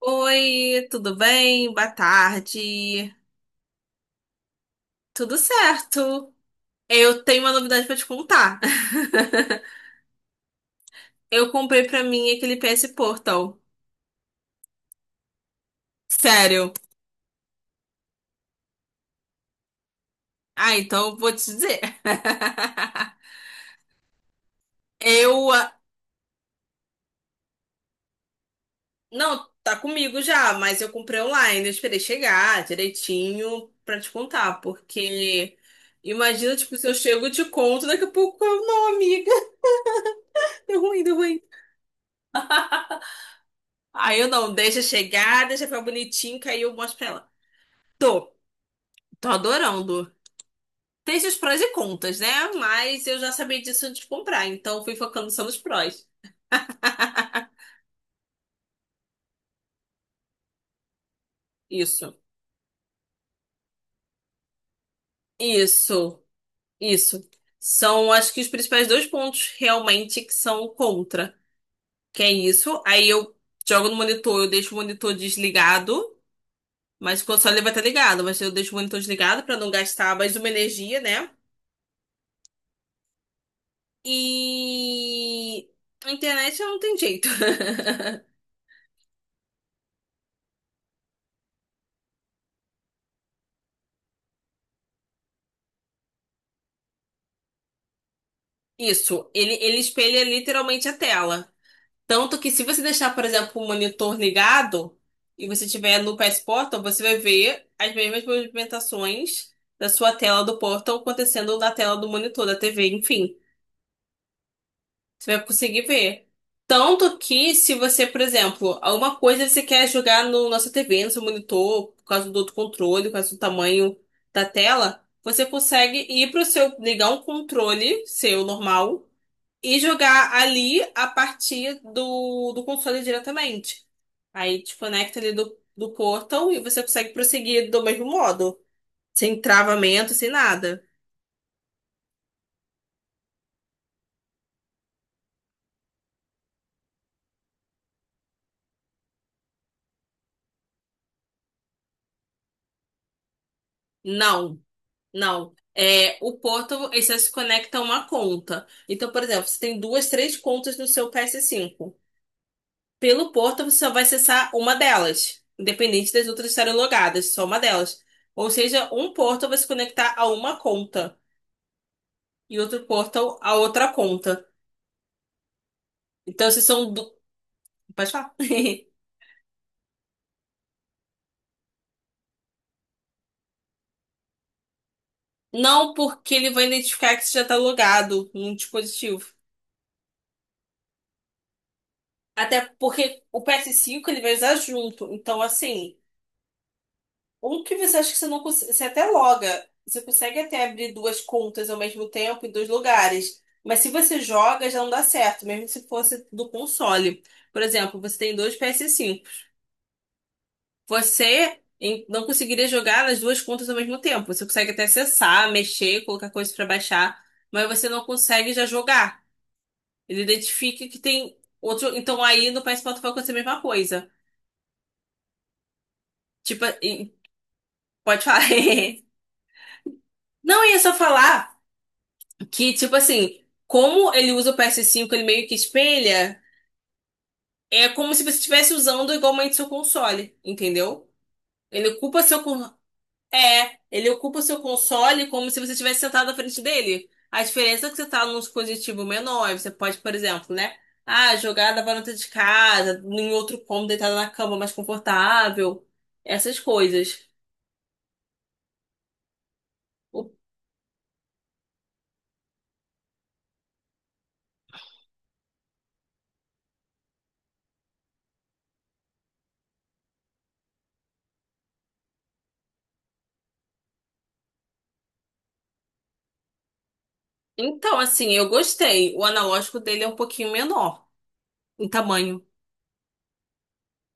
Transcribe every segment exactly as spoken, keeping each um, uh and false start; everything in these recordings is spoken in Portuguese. Oi, tudo bem? Boa tarde. Tudo certo? Eu tenho uma novidade pra te contar. Eu comprei pra mim aquele P S Portal. Sério. Ah, então eu vou te dizer. Eu, ah, não, tá comigo já, mas eu comprei online, eu esperei chegar direitinho pra te contar, porque imagina, tipo, se eu chego e te conto, daqui a pouco eu, não, amiga, deu ruim, deu ruim. Aí eu não, deixa chegar, deixa ficar bonitinho, que aí eu mostro pra ela. Tô, tô adorando. Tem seus prós e contras, né? Mas eu já sabia disso antes de comprar, então fui focando só nos prós. Isso, isso, isso. São, acho que os principais dois pontos realmente que são contra. Que é isso. Aí eu jogo no monitor, eu deixo o monitor desligado, mas o só vai estar ligado, mas eu deixo o monitor desligado pra não gastar mais uma energia, né? E a internet não tem jeito. Isso, ele, ele espelha literalmente a tela. Tanto que se você deixar, por exemplo, o monitor ligado e você tiver no P S Portal, você vai ver as mesmas movimentações da sua tela do Portal acontecendo na tela do monitor, da T V, enfim. Você vai conseguir ver. Tanto que se você, por exemplo, alguma coisa você quer jogar no nossa T V, no seu monitor, por causa do outro controle, por causa do tamanho da tela, você consegue ir para o seu, ligar um controle seu normal e jogar ali a partir do, do console diretamente. Aí desconecta ali do, do portal e você consegue prosseguir do mesmo modo, sem travamento, sem nada. Não, não. É, o portal, ele só se conecta a uma conta. Então, por exemplo, você tem duas, três contas no seu P S cinco. Pelo portal, você só vai acessar uma delas, independente das outras estarem logadas, só uma delas. Ou seja, um portal vai se conectar a uma conta e outro portal a outra conta. Então, vocês são. Do. Pode falar? Não, porque ele vai identificar que você já tá logado num dispositivo. Até porque o P S cinco ele vai usar junto. Então, assim, um que você acha que você não consegue. Você até loga. Você consegue até abrir duas contas ao mesmo tempo em dois lugares. Mas se você joga, já não dá certo, mesmo se fosse do console. Por exemplo, você tem dois P S cinco. Você em- não conseguiria jogar nas duas contas ao mesmo tempo. Você consegue até acessar, mexer, colocar coisas pra baixar, mas você não consegue já jogar. Ele identifica que tem outro. Então aí no P S Portal vai acontecer a mesma coisa. Tipo, e- pode falar. Não, eu ia só falar que, tipo assim, como ele usa o P S cinco ele meio que espelha, é como se você estivesse usando igualmente seu console, entendeu? Ele ocupa seu, con- É, ele ocupa o seu console como se você estivesse sentado na frente dele. A diferença é que você tá num dispositivo menor, você pode, por exemplo, né? Ah, jogar da varanda de casa, em outro cômodo, deitado na cama mais confortável, essas coisas. O- Então, assim, eu gostei. O analógico dele é um pouquinho menor em tamanho,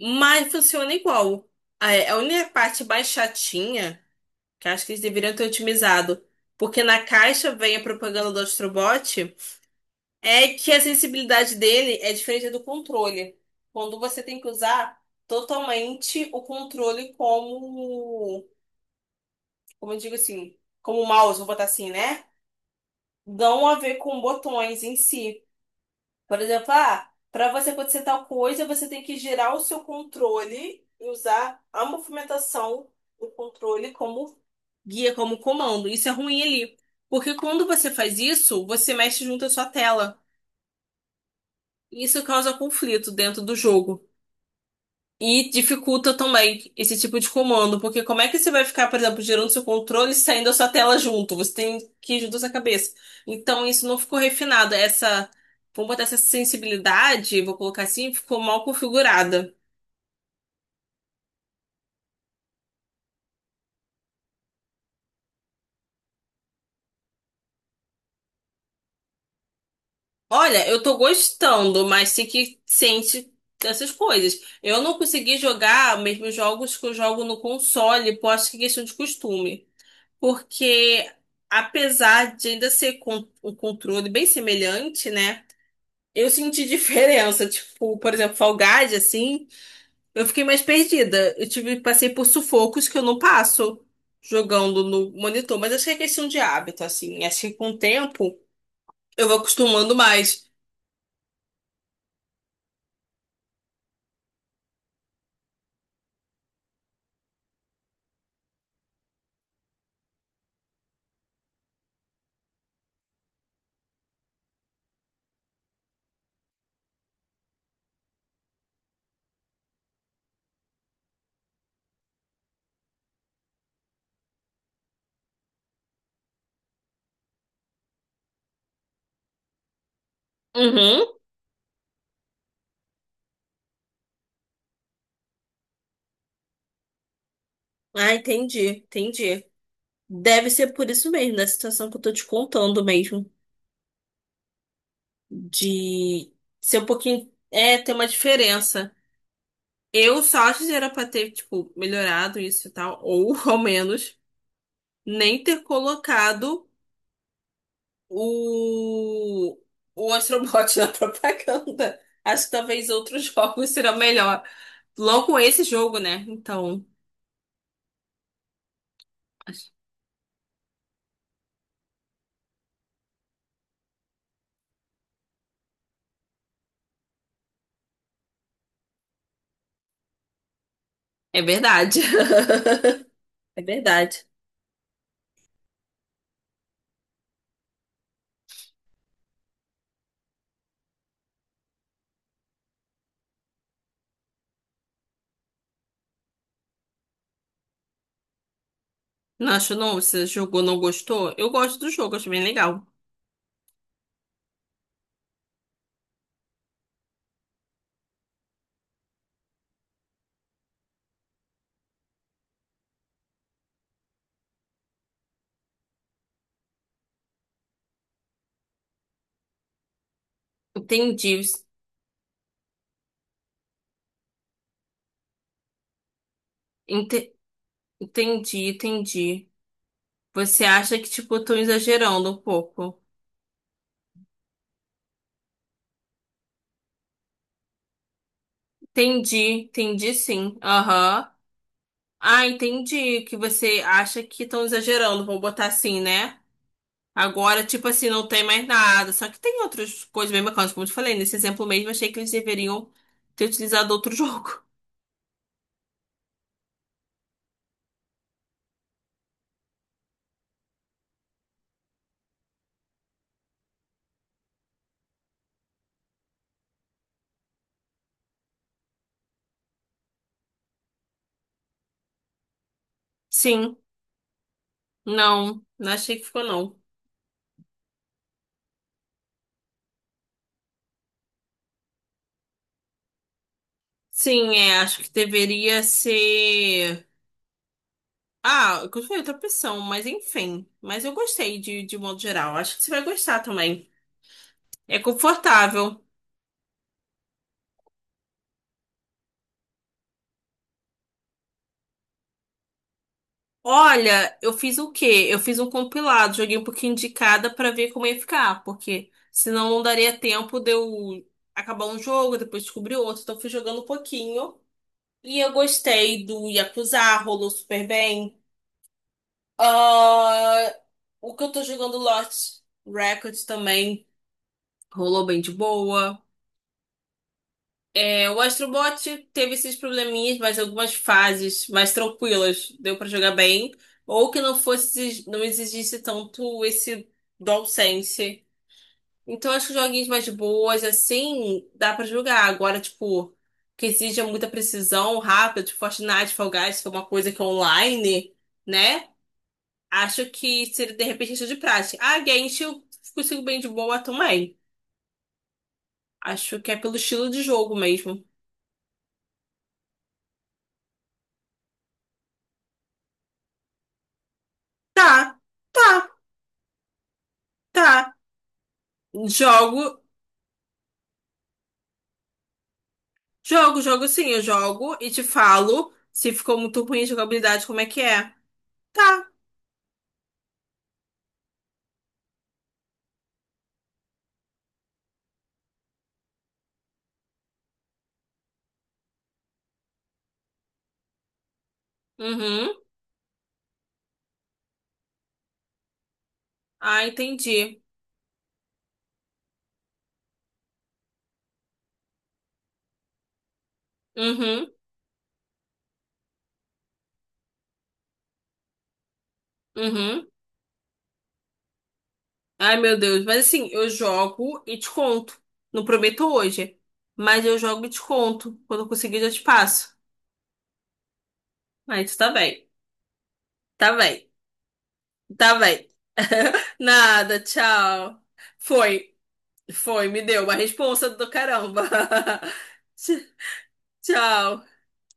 mas funciona igual. A a única parte mais chatinha, que eu acho que eles deveriam ter otimizado, porque na caixa vem a propaganda do Astrobot. É que a sensibilidade dele é diferente do controle. Quando você tem que usar totalmente o controle como, como eu digo assim, como mouse, vou botar assim, né? Não a ver com botões em si. Por exemplo, ah, para você acontecer tal coisa, você tem que girar o seu controle e usar a movimentação do controle como guia, como comando. Isso é ruim ali. Porque quando você faz isso, você mexe junto à sua tela. Isso causa conflito dentro do jogo. E dificulta também esse tipo de comando, porque como é que você vai ficar, por exemplo, girando seu controle e saindo da sua tela junto? Você tem que ir junto à sua cabeça. Então, isso não ficou refinado. Essa, vamos botar essa sensibilidade, vou colocar assim, ficou mal configurada. Olha, eu tô gostando, mas tem que sente essas coisas. Eu não consegui jogar mesmo jogos que eu jogo no console, por acho que é questão de costume. Porque, apesar de ainda ser con- um controle bem semelhante, né? Eu senti diferença, tipo, por exemplo, Fall Guys, assim, eu fiquei mais perdida. Eu tive, passei por sufocos que eu não passo jogando no monitor, mas acho que é questão de hábito, assim. Acho que com o tempo eu vou acostumando mais. Uhum. Ah, entendi, entendi. Deve ser por isso mesmo, da situação que eu tô te contando mesmo, de ser um pouquinho, é, ter uma diferença. Eu só acho que era pra ter, tipo, melhorado isso e tal, ou ao menos nem ter colocado o, o, Astrobot na propaganda. Acho que talvez outros jogos serão melhor. Logo esse jogo, né? Então, acho- é verdade. É verdade. Não acho não, você jogou, não gostou? Eu gosto do jogo, acho bem legal. Entendi, ente- entendi, entendi. Você acha que, tipo, estão exagerando um pouco? Entendi, entendi sim. Aham. Ah, entendi que você acha que estão exagerando, vou botar assim, né? Agora, tipo assim, não tem mais nada. Só que tem outras coisas bem bacanas, como eu te falei. Nesse exemplo mesmo, achei que eles deveriam ter utilizado outro jogo. Sim, não, não achei que ficou, não. Sim, é, acho que deveria ser. Ah, que foi outra opção, mas enfim. Mas eu gostei de, de modo geral. Acho que você vai gostar também. É confortável. Olha, eu fiz o quê? Eu fiz um compilado, joguei um pouquinho de cada pra ver como ia ficar, porque senão não daria tempo de eu acabar um jogo, depois descobrir outro. Então fui jogando um pouquinho. E eu gostei do Yakuza, rolou super bem. Ah, o que eu tô jogando Lost Records também rolou bem de boa. É, o Astrobot teve esses probleminhas, mas algumas fases mais tranquilas deu pra jogar bem, ou que não fosse, não exigisse tanto esse DualSense. Então acho que joguinhos mais boas assim dá pra jogar. Agora, tipo, que exija muita precisão, rápido, tipo Fortnite, Fall Guys, que é uma coisa que é online, né? Acho que seria de repente questão de prática. Ah, Genshin eu consigo bem de boa também. Acho que é pelo estilo de jogo mesmo. Tá. Tá, tá. Jogo, jogo, jogo sim, eu jogo e te falo se ficou muito ruim a jogabilidade, como é que é. Tá. Uhum. Ah, entendi. Uhum. Uhum. Ai, meu Deus. Mas assim, eu jogo e te conto. Não prometo hoje, mas eu jogo e te conto. Quando eu conseguir, eu já te passo. Aí tu tá bem. Tá bem. Tá bem. Nada, tchau. Foi, foi, me deu uma responsa do caramba. Tch- Tchau.